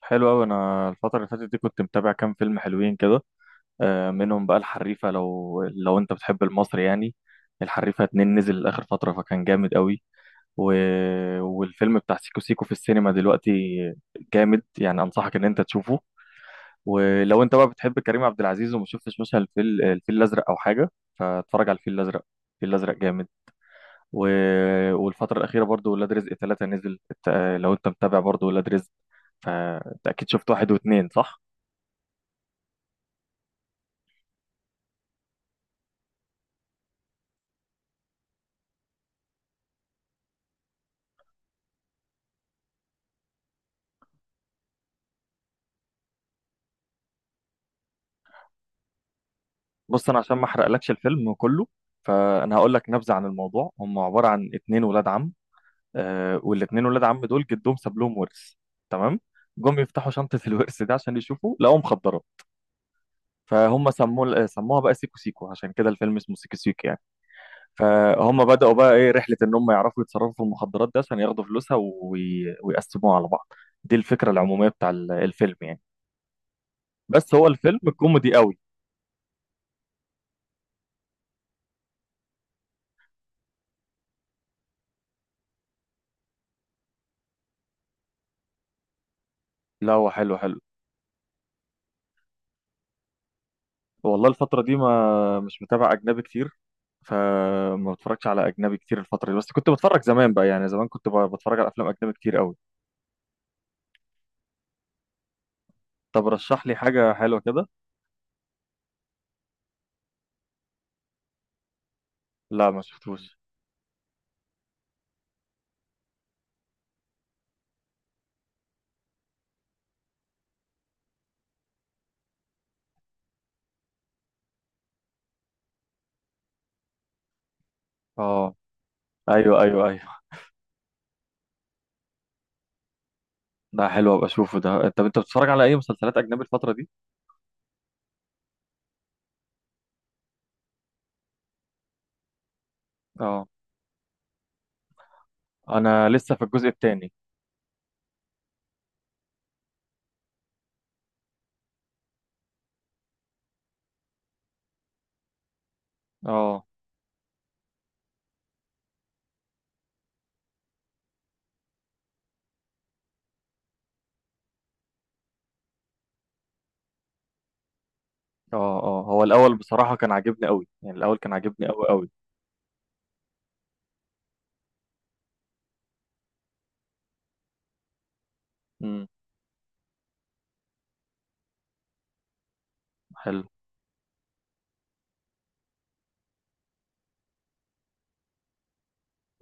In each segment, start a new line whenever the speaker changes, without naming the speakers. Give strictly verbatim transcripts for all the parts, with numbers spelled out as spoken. حلو أوي. أنا الفترة اللي فاتت دي كنت متابع كام فيلم حلوين كده. آه، منهم بقى الحريفة، لو لو أنت بتحب المصري يعني. الحريفة اتنين نزل آخر فترة فكان جامد أوي. و... والفيلم بتاع سيكو سيكو في السينما دلوقتي جامد يعني. أنصحك إن أنت تشوفه. ولو أنت بقى بتحب كريم عبد العزيز وما شفتش مثلا الفيل الفيل الأزرق أو حاجة، فاتفرج على الفيل الأزرق. الفيل الأزرق جامد. و... والفترة الأخيرة برضو ولاد رزق ثلاثة نزل الت- لو أنت متابع برضو ولاد رزق فأنت أكيد شفت واحد واتنين، صح؟ بص، انا عشان ما احرقلكش الفيلم كله فانا هقول لك نبذه عن الموضوع. هم عباره عن اتنين ولاد عم. آه، والاتنين ولاد عم دول جدهم ساب لهم ورث، تمام. جم يفتحوا شنطه الورث ده عشان يشوفوا، لقوا مخدرات. فهم سموه سموها بقى سيكو سيكو، عشان كده الفيلم اسمه سيكو سيكو يعني. فهم بداوا بقى ايه رحله ان هم يعرفوا يتصرفوا في المخدرات ده عشان ياخدوا فلوسها وي... ويقسموها على بعض. دي الفكره العموميه بتاع ال- الفيلم يعني. بس هو الفيلم كوميدي قوي. لا، هو حلو حلو. والله الفترة دي ما مش متابع أجنبي كتير. فما بتفرجش على اجنبي كتير الفتره دي. بس كنت بتفرج زمان بقى، يعني زمان كنت ب- بتفرج على افلام اجنبي كتير قوي. طب رشح لي حاجه حلوه كده. لا، ما شفتوش. اه، ايوه ايوه ايوه. ده حلو، ابقى اشوفه ده. طب انت بتتفرج على اي مسلسلات اجنبي الفتره دي؟ اه. انا لسه في الجزء الثاني. اه اه اه. هو الاول بصراحه كان عاجبني قوي، يعني الاول كان عاجبني قوي قوي. امم حلو.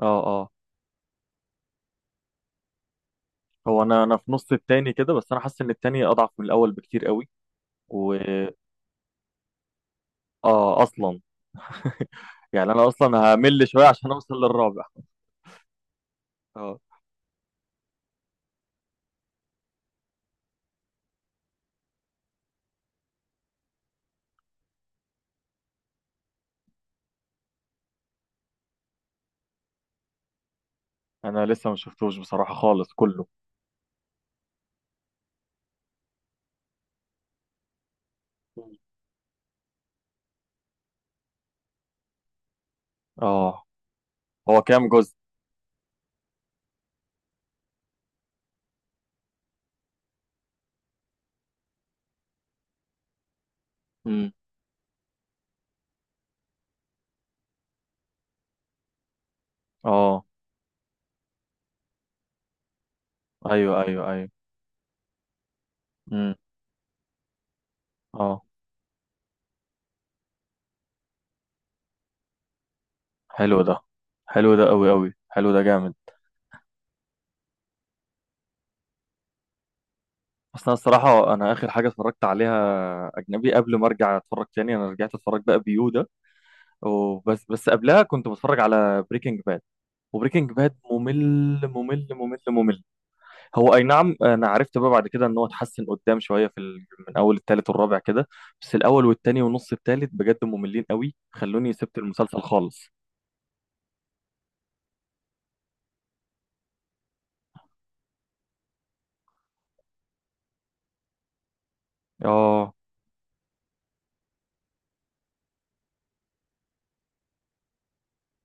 اه اه. هو انا انا في نص التاني كده، بس انا حاسس ان التاني اضعف من الاول بكتير قوي. و اه اصلا. يعني انا اصلا همل شويه عشان اوصل للرابع. اه، انا لسه ما شفتوش بصراحه خالص كله. اه. هو كام جزء؟ امم اه ايوه ايوه ايوه. امم اه. حلو ده، حلو ده قوي قوي. حلو ده جامد. اصل انا الصراحه انا اخر حاجه اتفرجت عليها اجنبي قبل ما ارجع اتفرج تاني، انا رجعت اتفرج بقى بيو ده. وبس، بس قبلها كنت بتفرج على بريكنج باد. وبريكنج باد ممل ممل ممل ممل. هو اي نعم، انا عرفت بقى بعد كده ان هو اتحسن قدام شويه في ال... من اول التالت والرابع كده. بس الاول والتاني ونص التالت بجد مملين قوي، خلوني سبت المسلسل خالص. اه،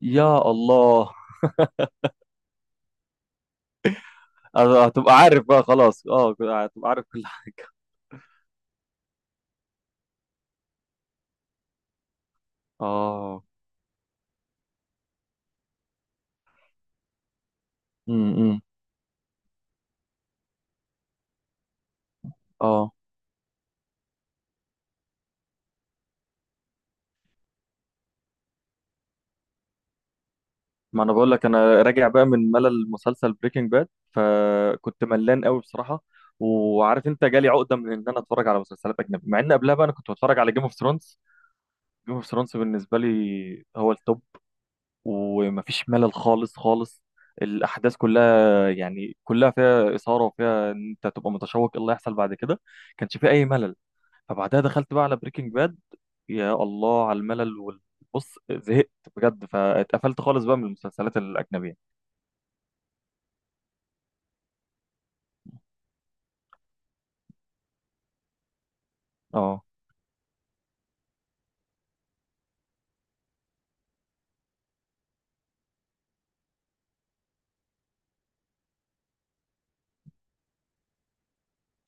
يا الله. أنا هتبقى عارف بقى خلاص. اه، هتبقى عارف كل حاجه. اه. امم اه. ما انا بقول لك انا راجع بقى من ملل مسلسل بريكنج باد، فكنت ملان قوي بصراحه. وعارف انت جالي عقده من ان انا اتفرج على مسلسلات اجنبي، مع ان قبلها بقى انا كنت بتفرج على جيم اوف ثرونز. جيم اوف ثرونز بالنسبه لي هو التوب. ومفيش ملل خالص خالص. الاحداث كلها يعني كلها فيها اثاره، وفيها ان انت تبقى متشوق ايه اللي هيحصل بعد كده. كانش فيه اي ملل. فبعدها دخلت بقى على بريكنج باد. يا الله على الملل وال- بص، زهقت بجد. فاتقفلت خالص بقى من المسلسلات الاجنبيه. اه،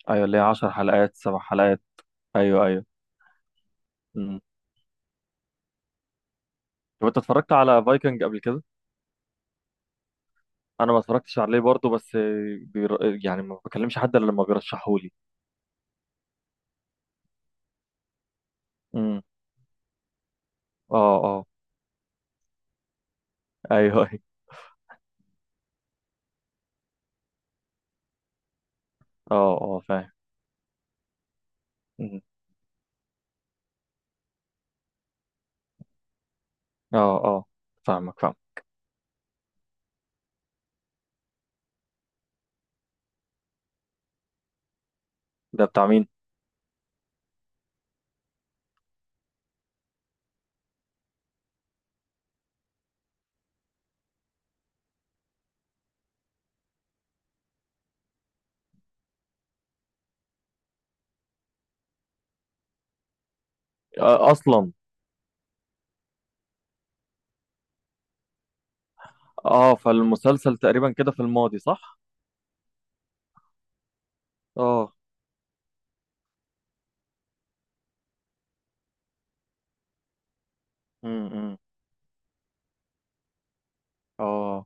ايوه، اللي هي عشر حلقات سبع حلقات. ايوه ايوه. امم طب انت اتفرجت على فايكنج قبل كده؟ انا ما اتفرجتش عليه برضه. بس بير... يعني ما بكلمش حد الا لما بيرشحهولي. امم اه اه. ايوه ايوه. اه اه، فاهم. مم. اه اه. فاهمك، فاهم. ده بتاع مين؟ آه، اصلا. اه، فالمسلسل تقريبا كده في الماضي، صح؟ اه. امم اه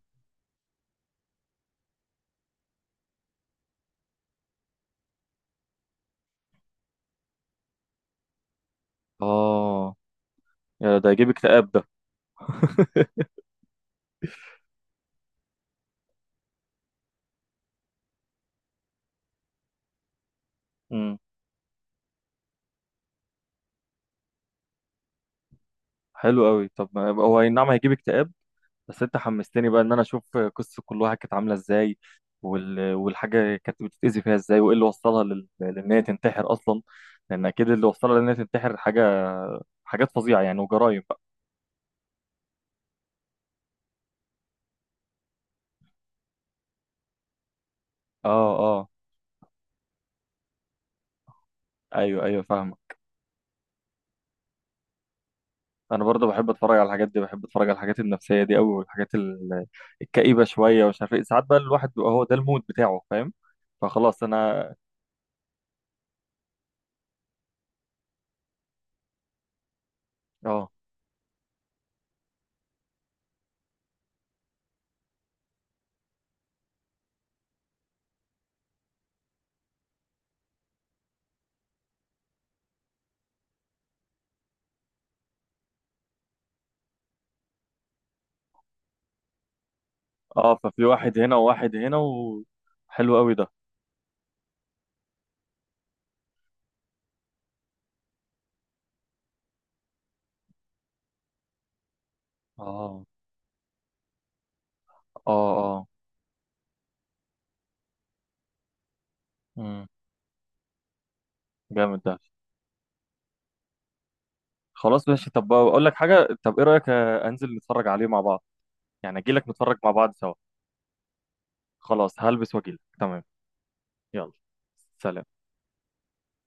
اه. يا ده يجيب اكتئاب ده. امم حلو قوي. طب ما- هو اي نعم، هيجيب اكتئاب. بس انت حمستني بقى ان انا اشوف قصة كل واحد كانت عاملة ازاي وال... والحاجة كانت بتتأذي فيها ازاي، وايه اللي وصلها لل... لان هي تنتحر اصلا. لان اكيد اللي وصلها لان هي تنتحر حاجة، حاجات فظيعة يعني وجرايم بقى. اه اه. ايوه ايوه فاهم. انا برضه بحب اتفرج على الحاجات دي. بحب اتفرج على الحاجات النفسيه دي قوي، والحاجات ال- الكئيبه شويه ومش عارف ايه. ساعات بقى الواحد بيبقى هو ده المود بتاعه، فاهم. فخلاص انا. اه اه. ففي واحد هنا وواحد هنا. وحلو قوي ده. اه اه اه. امم جامد ده. خلاص ماشي. طب اقول لك حاجه، طب ايه رايك؟ آه، انزل نتفرج عليه مع بعض. يعني اجي لك نتفرج مع بعض سوا. خلاص هلبس واجي لك، تمام. يلا، سلام.